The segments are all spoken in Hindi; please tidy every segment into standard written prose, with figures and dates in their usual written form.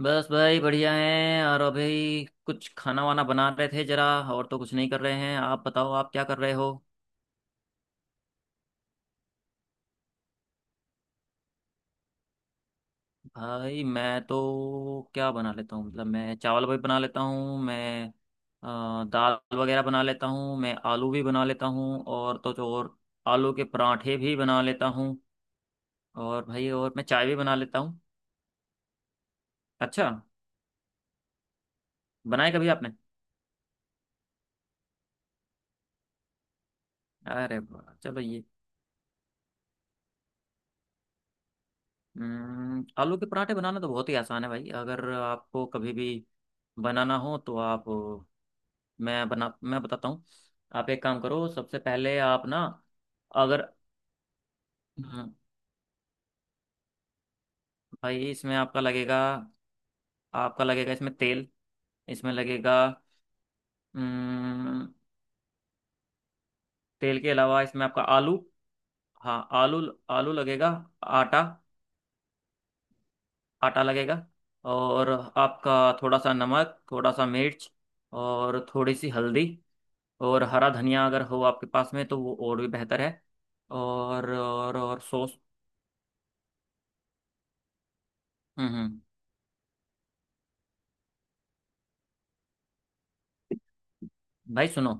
बस भाई बढ़िया हैं। और अभी कुछ खाना वाना बना रहे थे जरा। और तो कुछ नहीं कर रहे हैं। आप बताओ, आप क्या कर रहे हो। भाई मैं तो क्या बना लेता हूँ, मतलब मैं चावल भी बना लेता हूँ। मैं दाल वगैरह बना लेता हूँ। मैं आलू भी बना लेता हूँ, और तो जो और आलू के पराठे भी बना लेता हूँ। और भाई और मैं चाय भी बना लेता हूँ। अच्छा, बनाए कभी आपने। अरे वाह, चलो ये आलू के पराठे बनाना तो बहुत ही आसान है भाई। अगर आपको कभी भी बनाना हो तो आप, मैं बताता हूँ। आप एक काम करो, सबसे पहले आप ना। अगर हम्म, भाई इसमें आपका लगेगा। आपका लगेगा इसमें तेल, इसमें लगेगा। हम्म, तेल के अलावा इसमें आपका आलू। हाँ आलू, आलू लगेगा। आटा, आटा लगेगा। और आपका थोड़ा सा नमक, थोड़ा सा मिर्च और थोड़ी सी हल्दी। और हरा धनिया अगर हो आपके पास में तो वो और भी बेहतर है। और सॉस। हम्म। भाई सुनो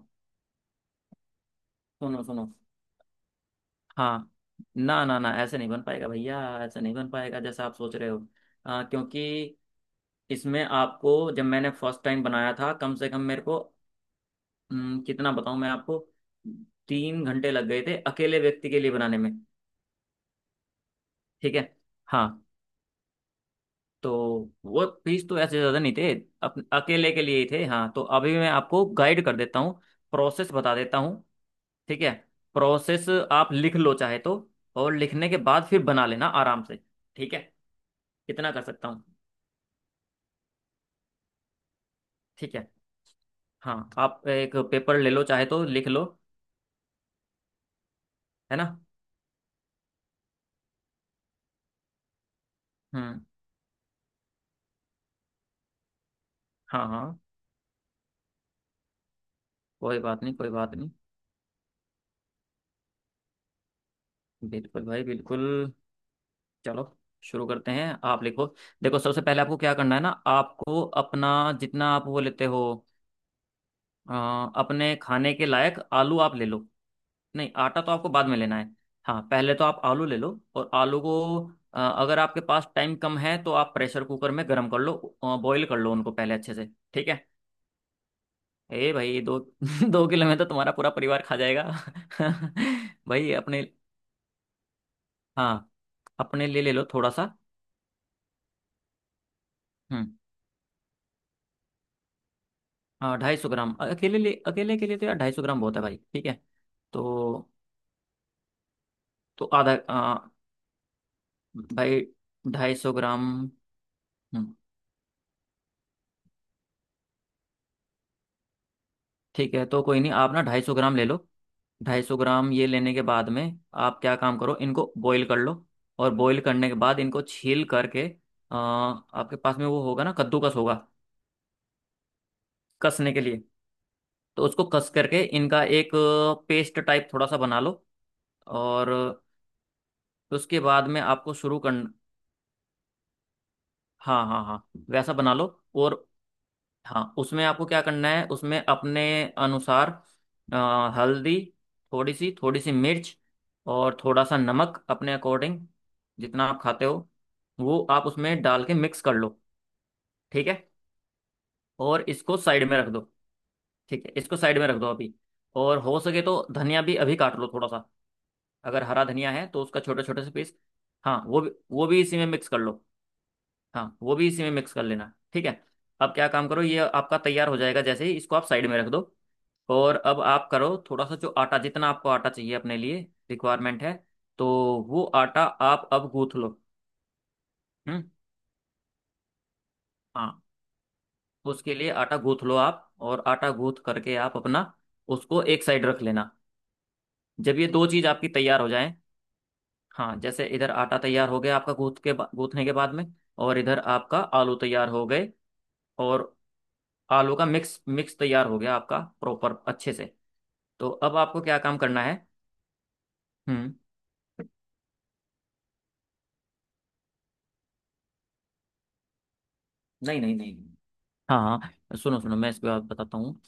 सुनो सुनो। हाँ, ना ना ना, ऐसे नहीं बन पाएगा भैया। ऐसे नहीं बन पाएगा जैसा आप सोच रहे हो। क्योंकि इसमें आपको, जब मैंने फर्स्ट टाइम बनाया था कम से कम मेरे को, कितना बताऊं मैं आपको, 3 घंटे लग गए थे अकेले व्यक्ति के लिए बनाने में। ठीक है। हाँ तो वो फीस तो ऐसे ज़्यादा नहीं थे। अकेले के लिए ही थे। हाँ तो अभी मैं आपको गाइड कर देता हूँ, प्रोसेस बता देता हूँ। ठीक है। प्रोसेस आप लिख लो चाहे तो, और लिखने के बाद फिर बना लेना आराम से। ठीक है, इतना कर सकता हूँ। ठीक है। हाँ आप एक पेपर ले लो चाहे तो, लिख लो, है ना। हम्म। हाँ हाँ, कोई बात नहीं, कोई बात नहीं। बिल्कुल भाई बिल्कुल। चलो शुरू करते हैं, आप लिखो। देखो सबसे पहले आपको क्या करना है ना, आपको अपना जितना आप वो लेते हो, अ, अपने खाने के लायक आलू आप ले लो। नहीं, आटा तो आपको बाद में लेना है। हाँ पहले तो आप आलू ले लो। और आलू को, अगर आपके पास टाइम कम है तो आप प्रेशर कुकर में गर्म कर लो, बॉईल कर लो उनको पहले अच्छे से। ठीक है। ए भाई, दो 2 किलो में तो तुम्हारा पूरा परिवार खा जाएगा भाई अपने। हाँ, अपने लिए ले लो थोड़ा सा। हम्म। हाँ, 250 ग्राम, अकेले लिए, अकेले के लिए तो यार 250 ग्राम बहुत है भाई। ठीक है। तो आधा, भाई 250 ग्राम। हम्म, ठीक है, तो कोई नहीं, आप ना 250 ग्राम ले लो। 250 ग्राम ये लेने के बाद में, आप क्या काम करो, इनको बॉईल कर लो। और बॉईल करने के बाद इनको छील करके, आपके पास में वो होगा ना, कद्दूकस होगा कसने के लिए, तो उसको कस करके इनका एक पेस्ट टाइप थोड़ा सा बना लो। और उसके बाद में आपको शुरू कर। हाँ हाँ हाँ, वैसा बना लो। और हाँ, उसमें आपको क्या करना है, उसमें अपने अनुसार हल्दी, थोड़ी सी मिर्च और थोड़ा सा नमक, अपने अकॉर्डिंग जितना आप खाते हो, वो आप उसमें डाल के मिक्स कर लो। ठीक है। और इसको साइड में रख दो। ठीक है, इसको साइड में रख दो अभी। और हो सके तो धनिया भी अभी काट लो थोड़ा सा। अगर हरा धनिया है तो उसका छोटे छोटे से पीस। हाँ, वो भी, वो भी इसी में मिक्स कर लो। हाँ वो भी इसी में मिक्स कर लेना। ठीक है। अब क्या काम करो, ये आपका तैयार हो जाएगा जैसे ही, इसको आप साइड में रख दो। और अब आप करो थोड़ा सा, जो आटा जितना आपको आटा चाहिए अपने लिए रिक्वायरमेंट है, तो वो आटा आप अब गूंथ लो। हम्म। हाँ, उसके लिए आटा गूंथ लो आप, और आटा गूंथ करके आप अपना उसको एक साइड रख लेना। जब ये दो चीज़ आपकी तैयार हो जाए, हाँ, जैसे इधर आटा तैयार हो गया आपका, गूंथ के गूंथने के बाद में, और इधर आपका आलू तैयार हो गए और आलू का मिक्स मिक्स तैयार हो गया आपका प्रॉपर अच्छे से। तो अब आपको क्या काम करना है। हम्म। नहीं नहीं नहीं नहीं। हाँ हाँ, सुनो सुनो, मैं इसके बाद बताता हूँ।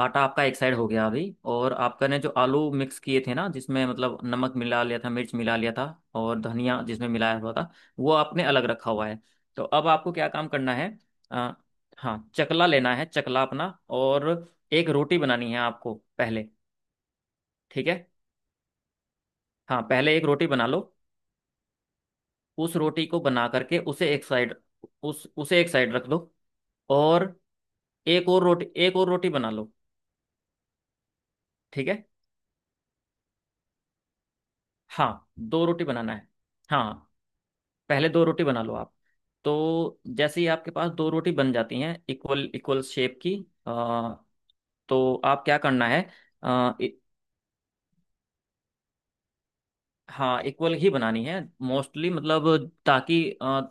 आटा आपका एक साइड हो गया अभी, और आपका ने जो आलू मिक्स किए थे ना, जिसमें मतलब नमक मिला लिया था, मिर्च मिला लिया था, और धनिया जिसमें मिलाया हुआ था, वो आपने अलग रखा हुआ है। तो अब आपको क्या काम करना है। आ, हाँ, चकला लेना है, चकला अपना, और एक रोटी बनानी है आपको पहले। ठीक है। हाँ पहले एक रोटी बना लो। उस रोटी को बना करके उसे एक साइड, उस उसे एक साइड रख दो। और एक और रोटी, बना लो। ठीक है। हाँ, दो रोटी बनाना है। हाँ पहले दो रोटी बना लो आप। तो जैसे ही आपके पास दो रोटी बन जाती हैं इक्वल इक्वल शेप की, अ, तो आप क्या करना है। अ, इ, हाँ इक्वल ही बनानी है मोस्टली, मतलब ताकि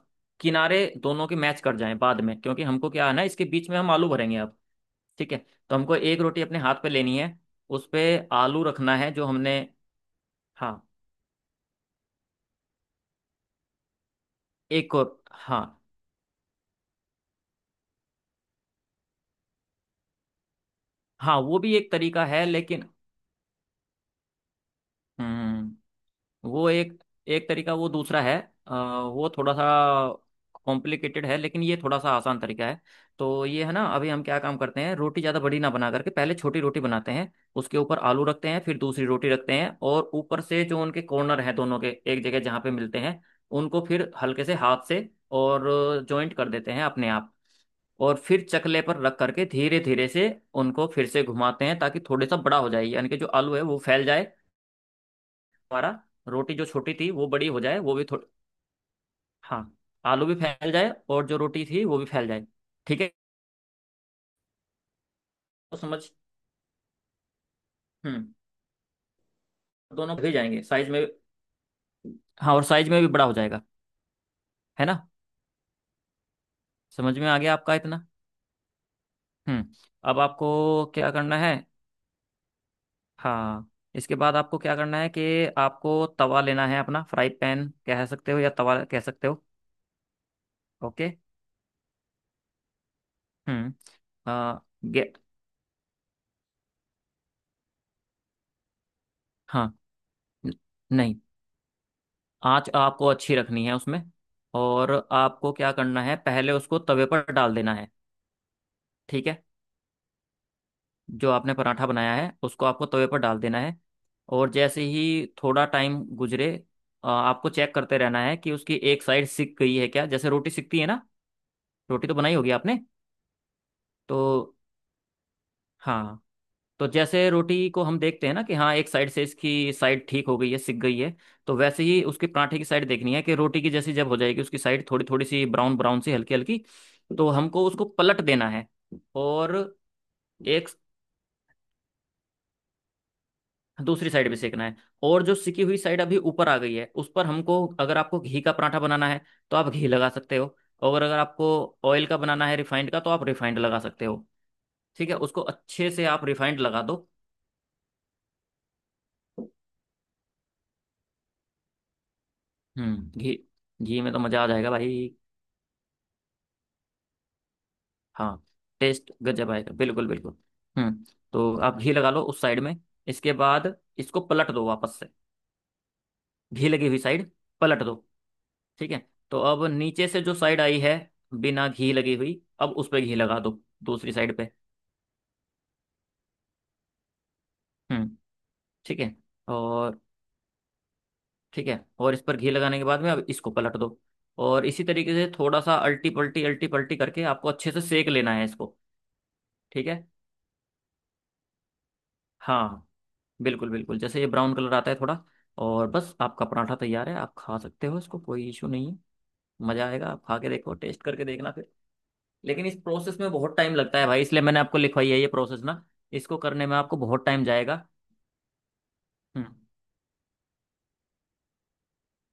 किनारे दोनों के मैच कर जाएं बाद में, क्योंकि हमको क्या है ना, इसके बीच में हम आलू भरेंगे अब। ठीक है। तो हमको एक रोटी अपने हाथ पे लेनी है, उस पे आलू रखना है जो हमने। हाँ, एक और हाँ, हाँ, वो भी एक तरीका है लेकिन, हम्म, वो एक, एक तरीका वो दूसरा है। वो थोड़ा सा कॉम्प्लिकेटेड है, लेकिन ये थोड़ा सा आसान तरीका है। तो ये है ना, अभी हम क्या काम करते हैं, रोटी ज़्यादा बड़ी ना बना करके पहले छोटी रोटी बनाते हैं, उसके ऊपर आलू रखते हैं, फिर दूसरी रोटी रखते हैं, और ऊपर से जो उनके कॉर्नर हैं दोनों के, एक जगह जहाँ पे मिलते हैं, उनको फिर हल्के से हाथ से और जॉइंट कर देते हैं अपने आप। और फिर चकले पर रख करके धीरे धीरे से उनको फिर से घुमाते हैं ताकि थोड़े सा बड़ा हो जाए, यानी कि जो आलू है वो फैल जाए हमारा, रोटी जो छोटी थी वो बड़ी हो जाए वो भी थोड़ी। हाँ, आलू भी फैल जाए और जो रोटी थी वो भी फैल जाए। ठीक है। तो समझ, हम्म, दोनों भी जाएंगे साइज में। हाँ, और साइज में भी बड़ा हो जाएगा, है ना। समझ में आ गया आपका इतना। हम्म। अब आपको क्या करना है। हाँ, इसके बाद आपको क्या करना है कि आपको तवा लेना है अपना, फ्राई पैन कह सकते हो या तवा कह सकते हो। ओके। हम्म। आ, गे, हाँ न- नहीं, आँच आपको अच्छी रखनी है उसमें, और आपको क्या करना है, पहले उसको तवे पर डाल देना है। ठीक है। जो आपने पराठा बनाया है उसको आपको तवे पर डाल देना है। और जैसे ही थोड़ा टाइम गुजरे, आपको चेक करते रहना है कि उसकी एक साइड सिक गई है क्या, जैसे रोटी सिकती है ना। रोटी तो बनाई होगी आपने। तो, हाँ, तो जैसे रोटी को हम देखते हैं ना कि हाँ एक साइड से इसकी साइड ठीक हो गई है सिक गई है, तो वैसे ही उसके पराठे की साइड देखनी है कि रोटी की जैसी जब हो जाएगी, उसकी साइड थोड़ी थोड़ी सी ब्राउन ब्राउन सी हल्की हल्की, तो हमको उसको पलट देना है। और एक दूसरी साइड भी सेकना है। और जो सिकी हुई साइड अभी ऊपर आ गई है, उस पर हमको, अगर आपको घी का पराठा बनाना है तो आप घी लगा सकते हो, और अगर आपको ऑयल का बनाना है, रिफाइंड का, तो आप रिफाइंड लगा सकते हो। ठीक है, उसको अच्छे से आप रिफाइंड लगा दो। हम्म, घी, घी में तो मजा आ जाएगा भाई। हाँ टेस्ट गजब आएगा, बिल्कुल बिल्कुल। हम्म। तो आप घी लगा लो उस साइड में। इसके बाद इसको पलट दो वापस से, घी लगी हुई साइड पलट दो। ठीक है। तो अब नीचे से जो साइड आई है बिना घी लगी हुई, अब उस पर घी लगा दो दूसरी साइड पे। हम्म। ठीक है, और इस पर घी लगाने के बाद में अब इसको पलट दो। और इसी तरीके से, थोड़ा सा अल्टी पल्टी करके आपको अच्छे से सेक लेना है इसको। ठीक है। हाँ, बिल्कुल बिल्कुल, जैसे ये ब्राउन कलर आता है थोड़ा, और बस आपका पराठा तैयार है, आप खा सकते हो इसको, कोई इशू नहीं है। मज़ा आएगा, आप खा के देखो, टेस्ट करके देखना फिर। लेकिन इस प्रोसेस में बहुत टाइम लगता है भाई, इसलिए मैंने आपको लिखवाई है ये प्रोसेस ना। इसको करने में आपको बहुत टाइम जाएगा। हम्म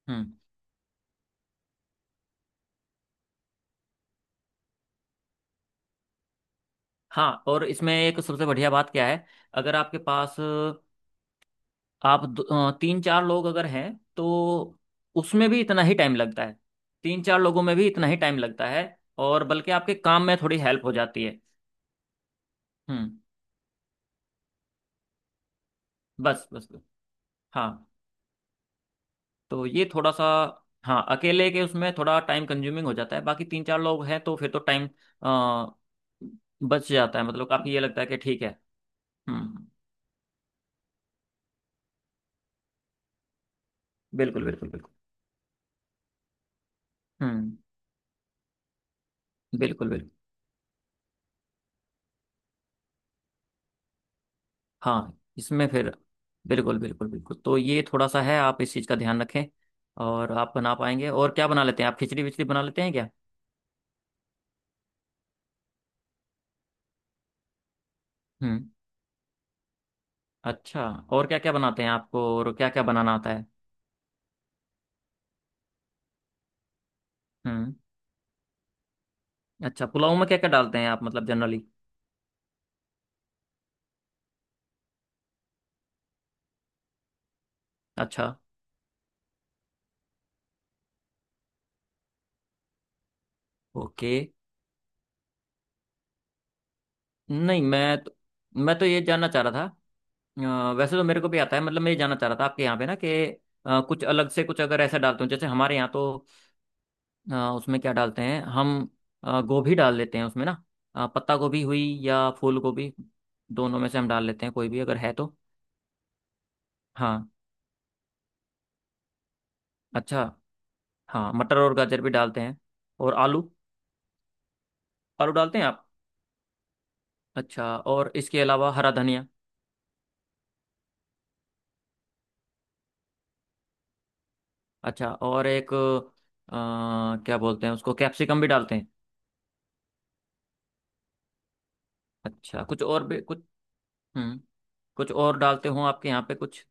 हम्म। हाँ, और इसमें एक सबसे बढ़िया बात क्या है, अगर आपके पास आप तीन चार लोग अगर हैं, तो उसमें भी इतना ही टाइम लगता है। तीन चार लोगों में भी इतना ही टाइम लगता है। और बल्कि आपके काम में थोड़ी हेल्प हो जाती है। हम्म। बस बस बस। हाँ, तो ये थोड़ा सा, हाँ अकेले के उसमें थोड़ा टाइम कंज्यूमिंग हो जाता है, बाकी तीन चार लोग हैं तो फिर तो टाइम बच जाता है, मतलब काफी ये लगता है कि ठीक है। हम्म। बिल्कुल बिल्कुल बिल्कुल। हम्म। बिल्कुल बिल्कुल। हाँ इसमें फिर बिल्कुल बिल्कुल बिल्कुल, तो ये थोड़ा सा है, आप इस चीज़ का ध्यान रखें और आप बना पाएंगे। और क्या बना लेते हैं आप, खिचड़ी विचड़ी बना लेते हैं क्या। हम्म। अच्छा, और क्या क्या बनाते हैं, आपको और क्या क्या बनाना आता है। हम्म। अच्छा, पुलाव में क्या क्या डालते हैं आप, मतलब जनरली। अच्छा। ओके। नहीं, मैं तो ये जानना चाह रहा था, वैसे तो मेरे को भी आता है, मतलब मैं ये जानना चाह रहा था आपके यहाँ पे ना कि कुछ अलग से, कुछ अगर ऐसा डालते हो, जैसे हमारे यहाँ तो उसमें क्या डालते हैं हम, गोभी डाल लेते हैं उसमें ना, पत्ता गोभी हुई या फूल गोभी, दोनों में से हम डाल लेते हैं कोई भी अगर है तो। हाँ अच्छा। हाँ मटर और गाजर भी डालते हैं, और आलू। आलू डालते हैं आप। अच्छा, और इसके अलावा हरा धनिया। अच्छा और एक क्या बोलते हैं उसको, कैप्सिकम भी डालते हैं। अच्छा, कुछ और भी कुछ। हम्म। कुछ और डालते हो आपके यहाँ पे कुछ,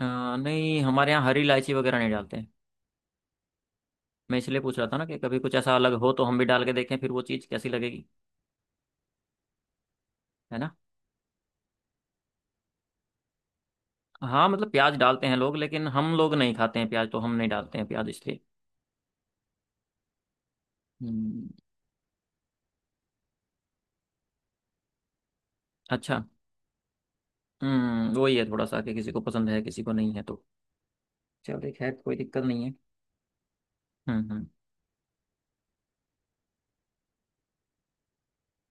अ, नहीं हमारे यहाँ हरी इलायची वगैरह नहीं डालते हैं। मैं इसलिए पूछ रहा था ना कि कभी कुछ ऐसा अलग हो तो हम भी डाल के देखें फिर वो चीज़ कैसी लगेगी, है ना। हाँ मतलब प्याज डालते हैं लोग लेकिन हम लोग नहीं खाते हैं प्याज, तो हम नहीं डालते हैं प्याज इसलिए। हम्म, अच्छा। हम्म, वही है थोड़ा सा कि किसी को पसंद है किसी को नहीं है। तो चलो खैर कोई दिक्कत नहीं है। हम्म।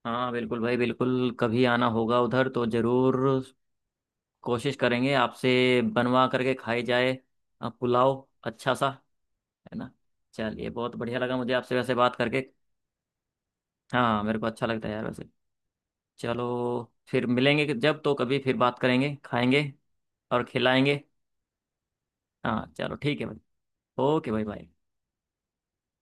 हाँ बिल्कुल भाई बिल्कुल, कभी आना होगा उधर तो ज़रूर कोशिश करेंगे आपसे बनवा करके खाई जाए। पुलाव अच्छा सा, है ना। चलिए बहुत बढ़िया लगा मुझे आपसे वैसे बात करके। हाँ मेरे को अच्छा लगता है यार वैसे। चलो फिर मिलेंगे, जब तो कभी, फिर बात करेंगे, खाएंगे और खिलाएंगे। हाँ चलो ठीक है भाई, ओके भाई, बाय।